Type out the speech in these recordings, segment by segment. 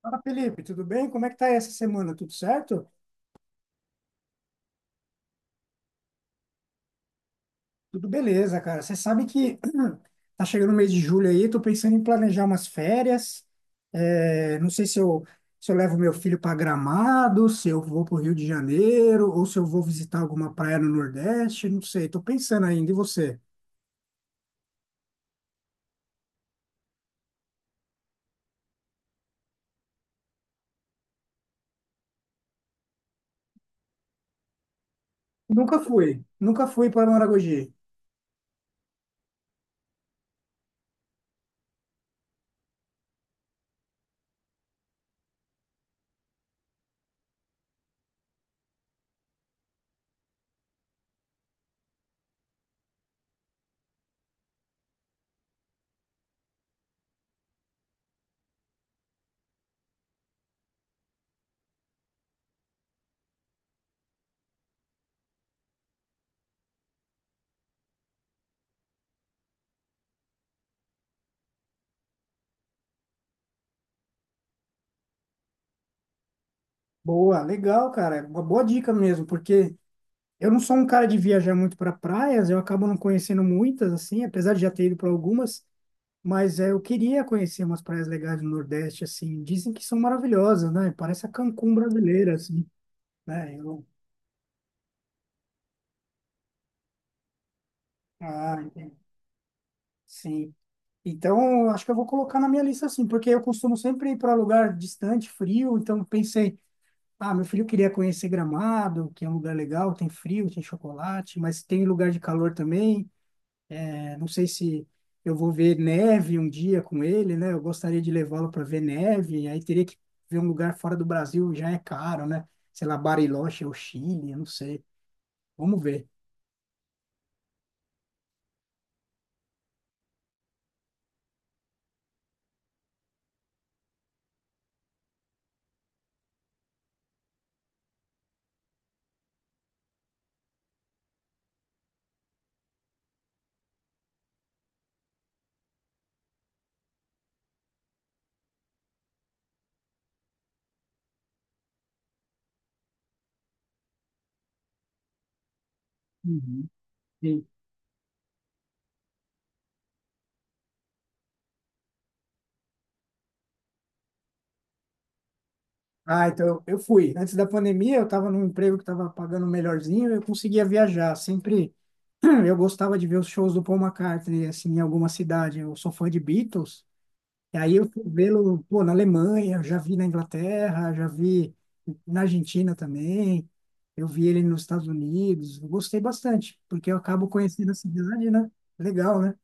Fala, Felipe, tudo bem? Como é que tá essa semana? Tudo certo? Tudo beleza, cara. Você sabe que tá chegando o mês de julho aí, tô pensando em planejar umas férias. É, não sei se eu levo meu filho para Gramado, se eu vou para o Rio de Janeiro, ou se eu vou visitar alguma praia no Nordeste, não sei, tô pensando ainda. E você? Nunca fui para Maragogi. Boa, legal, cara. Uma boa dica mesmo, porque eu não sou um cara de viajar muito para praias, eu acabo não conhecendo muitas, assim, apesar de já ter ido para algumas. Mas é, eu queria conhecer umas praias legais do Nordeste, assim. Dizem que são maravilhosas, né? Parece a Cancún brasileira, assim, né? Eu, ah, entendi. Sim. Então, eu acho que eu vou colocar na minha lista, assim, porque eu costumo sempre ir para lugar distante, frio. Então, pensei, ah, meu filho queria conhecer Gramado, que é um lugar legal, tem frio, tem chocolate, mas tem lugar de calor também. Não sei se eu vou ver neve um dia com ele, né? Eu gostaria de levá-lo para ver neve, aí teria que ver um lugar fora do Brasil, já é caro, né? Sei lá, Bariloche ou Chile, eu não sei. Vamos ver. Uhum. Sim. Ah, então eu fui. Antes da pandemia, eu estava num emprego que estava pagando melhorzinho, eu conseguia viajar. Sempre eu gostava de ver os shows do Paul McCartney, assim, em alguma cidade. Eu sou fã de Beatles. E aí eu fui vê-lo, pô, na Alemanha, eu já vi na Inglaterra, já vi na Argentina também, eu vi ele nos Estados Unidos, eu gostei bastante, porque eu acabo conhecendo a cidade, né? Legal, né?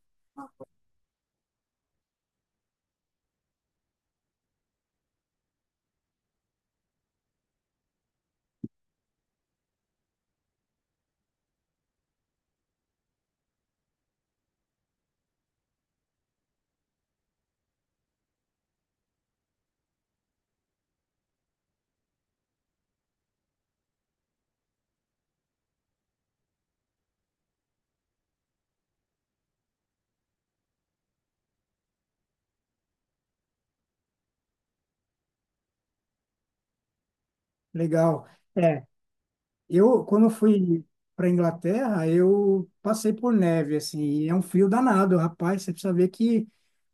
Legal. É, eu, quando eu fui para Inglaterra, eu passei por neve, assim, e é um frio danado, rapaz. Você precisa ver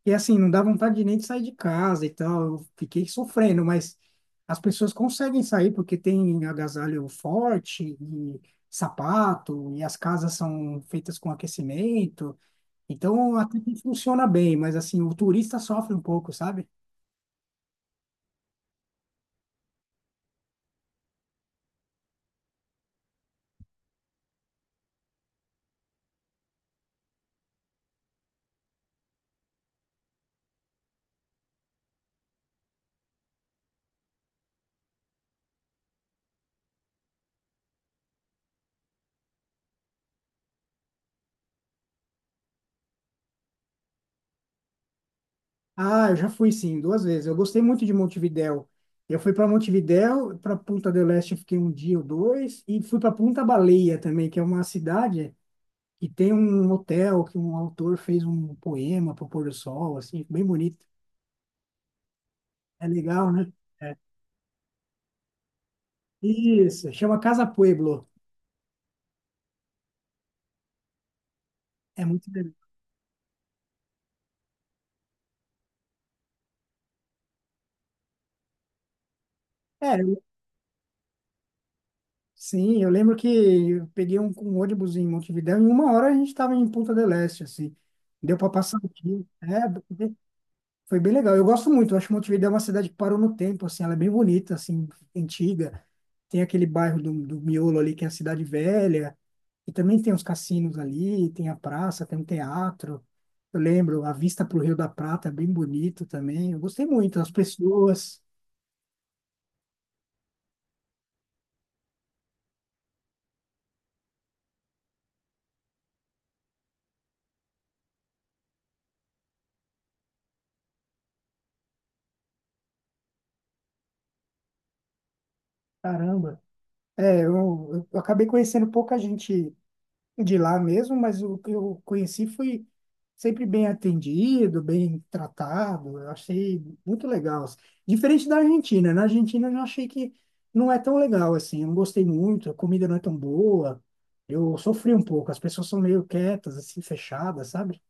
que, assim, não dá vontade nem de sair de casa e tal. Eu fiquei sofrendo, mas as pessoas conseguem sair porque tem agasalho forte e sapato, e as casas são feitas com aquecimento. Então, até que funciona bem, mas, assim, o turista sofre um pouco, sabe? Ah, eu já fui sim, duas vezes. Eu gostei muito de Montevidéu. Eu fui para Montevidéu, para Punta del Este eu fiquei um dia ou dois, e fui para Punta Baleia também, que é uma cidade que tem um hotel que um autor fez um poema para o pôr do sol, assim, bem bonito. É legal, né? É. Isso, chama Casa Pueblo. É muito legal. É, eu- sim, eu lembro que eu peguei um ônibus em Montevidéu, e em uma hora a gente estava em Punta del Este, assim. Deu para passar o dia. É, foi bem legal. Eu gosto muito. Eu acho Montevidéu é uma cidade que parou no tempo, assim. Ela é bem bonita, assim, antiga. Tem aquele bairro do Miolo ali, que é a cidade velha. E também tem os cassinos ali, tem a praça, tem um teatro. Eu lembro, a vista para o Rio da Prata é bem bonito também. Eu gostei muito. As pessoas, caramba. É, eu acabei conhecendo pouca gente de lá mesmo, mas o que eu conheci foi sempre bem atendido, bem tratado. Eu achei muito legal, assim. Diferente da Argentina, né? Na Argentina eu já achei que não é tão legal assim. Eu não gostei muito, a comida não é tão boa. Eu sofri um pouco. As pessoas são meio quietas, assim, fechadas, sabe?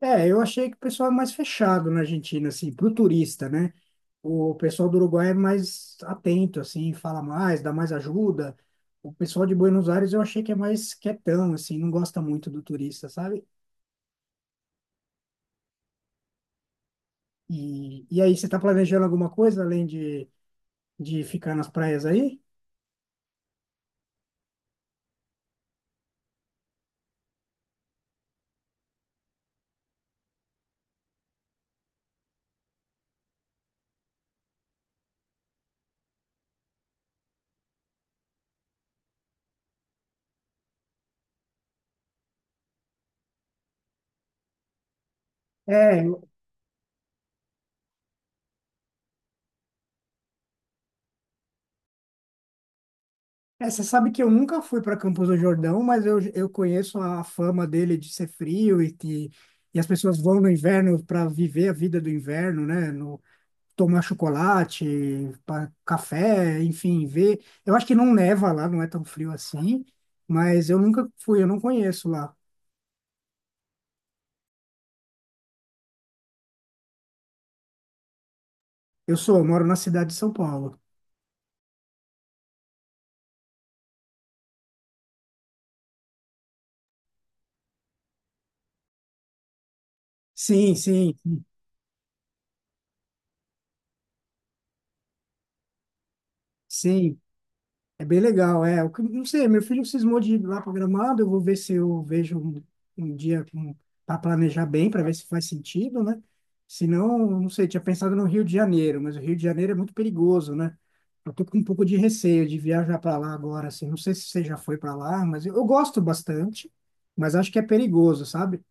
É, eu achei que o pessoal é mais fechado na Argentina, assim, pro turista, né? O pessoal do Uruguai é mais atento, assim, fala mais, dá mais ajuda. O pessoal de Buenos Aires eu achei que é mais quietão, assim, não gosta muito do turista, sabe? E aí, você está planejando alguma coisa além de ficar nas praias aí? É, é, você sabe que eu nunca fui para Campos do Jordão, mas eu conheço a fama dele de ser frio e que e as pessoas vão no inverno para viver a vida do inverno, né? No, tomar chocolate, café, enfim, ver. Eu acho que não neva lá, não é tão frio assim, mas eu nunca fui, eu não conheço lá. Eu sou, eu moro na cidade de São Paulo. Sim, sim, sim. É bem legal, é. Não sei, meu filho cismou de ir lá para Gramado, eu vou ver se eu vejo um dia para planejar bem, para ver se faz sentido, né? Se não, não sei, tinha pensado no Rio de Janeiro, mas o Rio de Janeiro é muito perigoso, né? Eu tô com um pouco de receio de viajar para lá agora, assim. Não sei se você já foi para lá, mas eu gosto bastante, mas acho que é perigoso, sabe?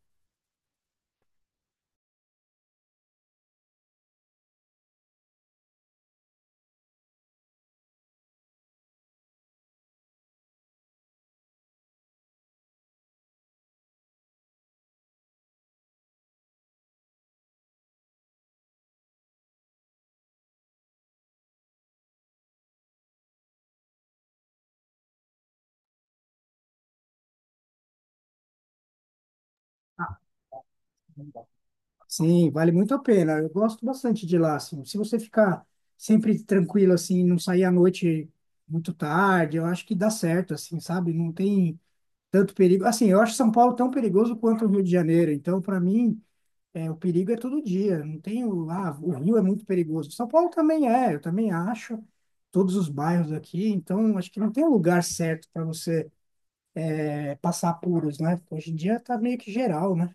Sim, vale muito a pena. Eu gosto bastante de lá, assim. Se você ficar sempre tranquilo, assim, não sair à noite muito tarde, eu acho que dá certo, assim, sabe? Não tem tanto perigo. Assim, eu acho São Paulo tão perigoso quanto o Rio de Janeiro. Então, para mim, é, o perigo é todo dia. Não tem o, ah, o Rio é muito perigoso. São Paulo também é, eu também acho. Todos os bairros aqui. Então, acho que não tem um lugar certo para você é, passar apuros, né? Hoje em dia tá meio que geral, né?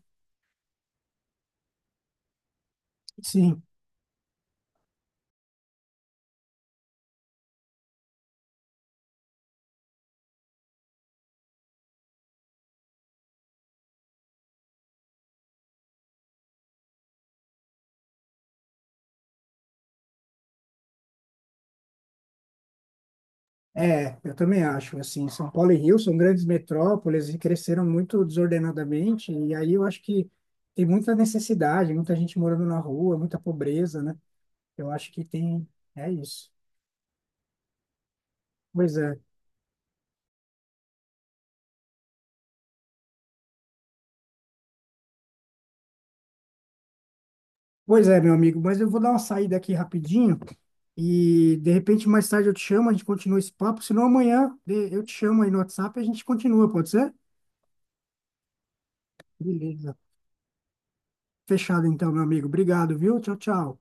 Sim. É, eu também acho, assim, São Paulo e Rio são grandes metrópoles e cresceram muito desordenadamente, e aí eu acho que tem muita necessidade, muita gente morando na rua, muita pobreza, né? Eu acho que tem, é isso. Pois é. Pois é, meu amigo, mas eu vou dar uma saída aqui rapidinho e de repente mais tarde eu te chamo, a gente continua esse papo, senão amanhã eu te chamo aí no WhatsApp e a gente continua, pode ser? Beleza. Fechado então, meu amigo. Obrigado, viu? Tchau, tchau.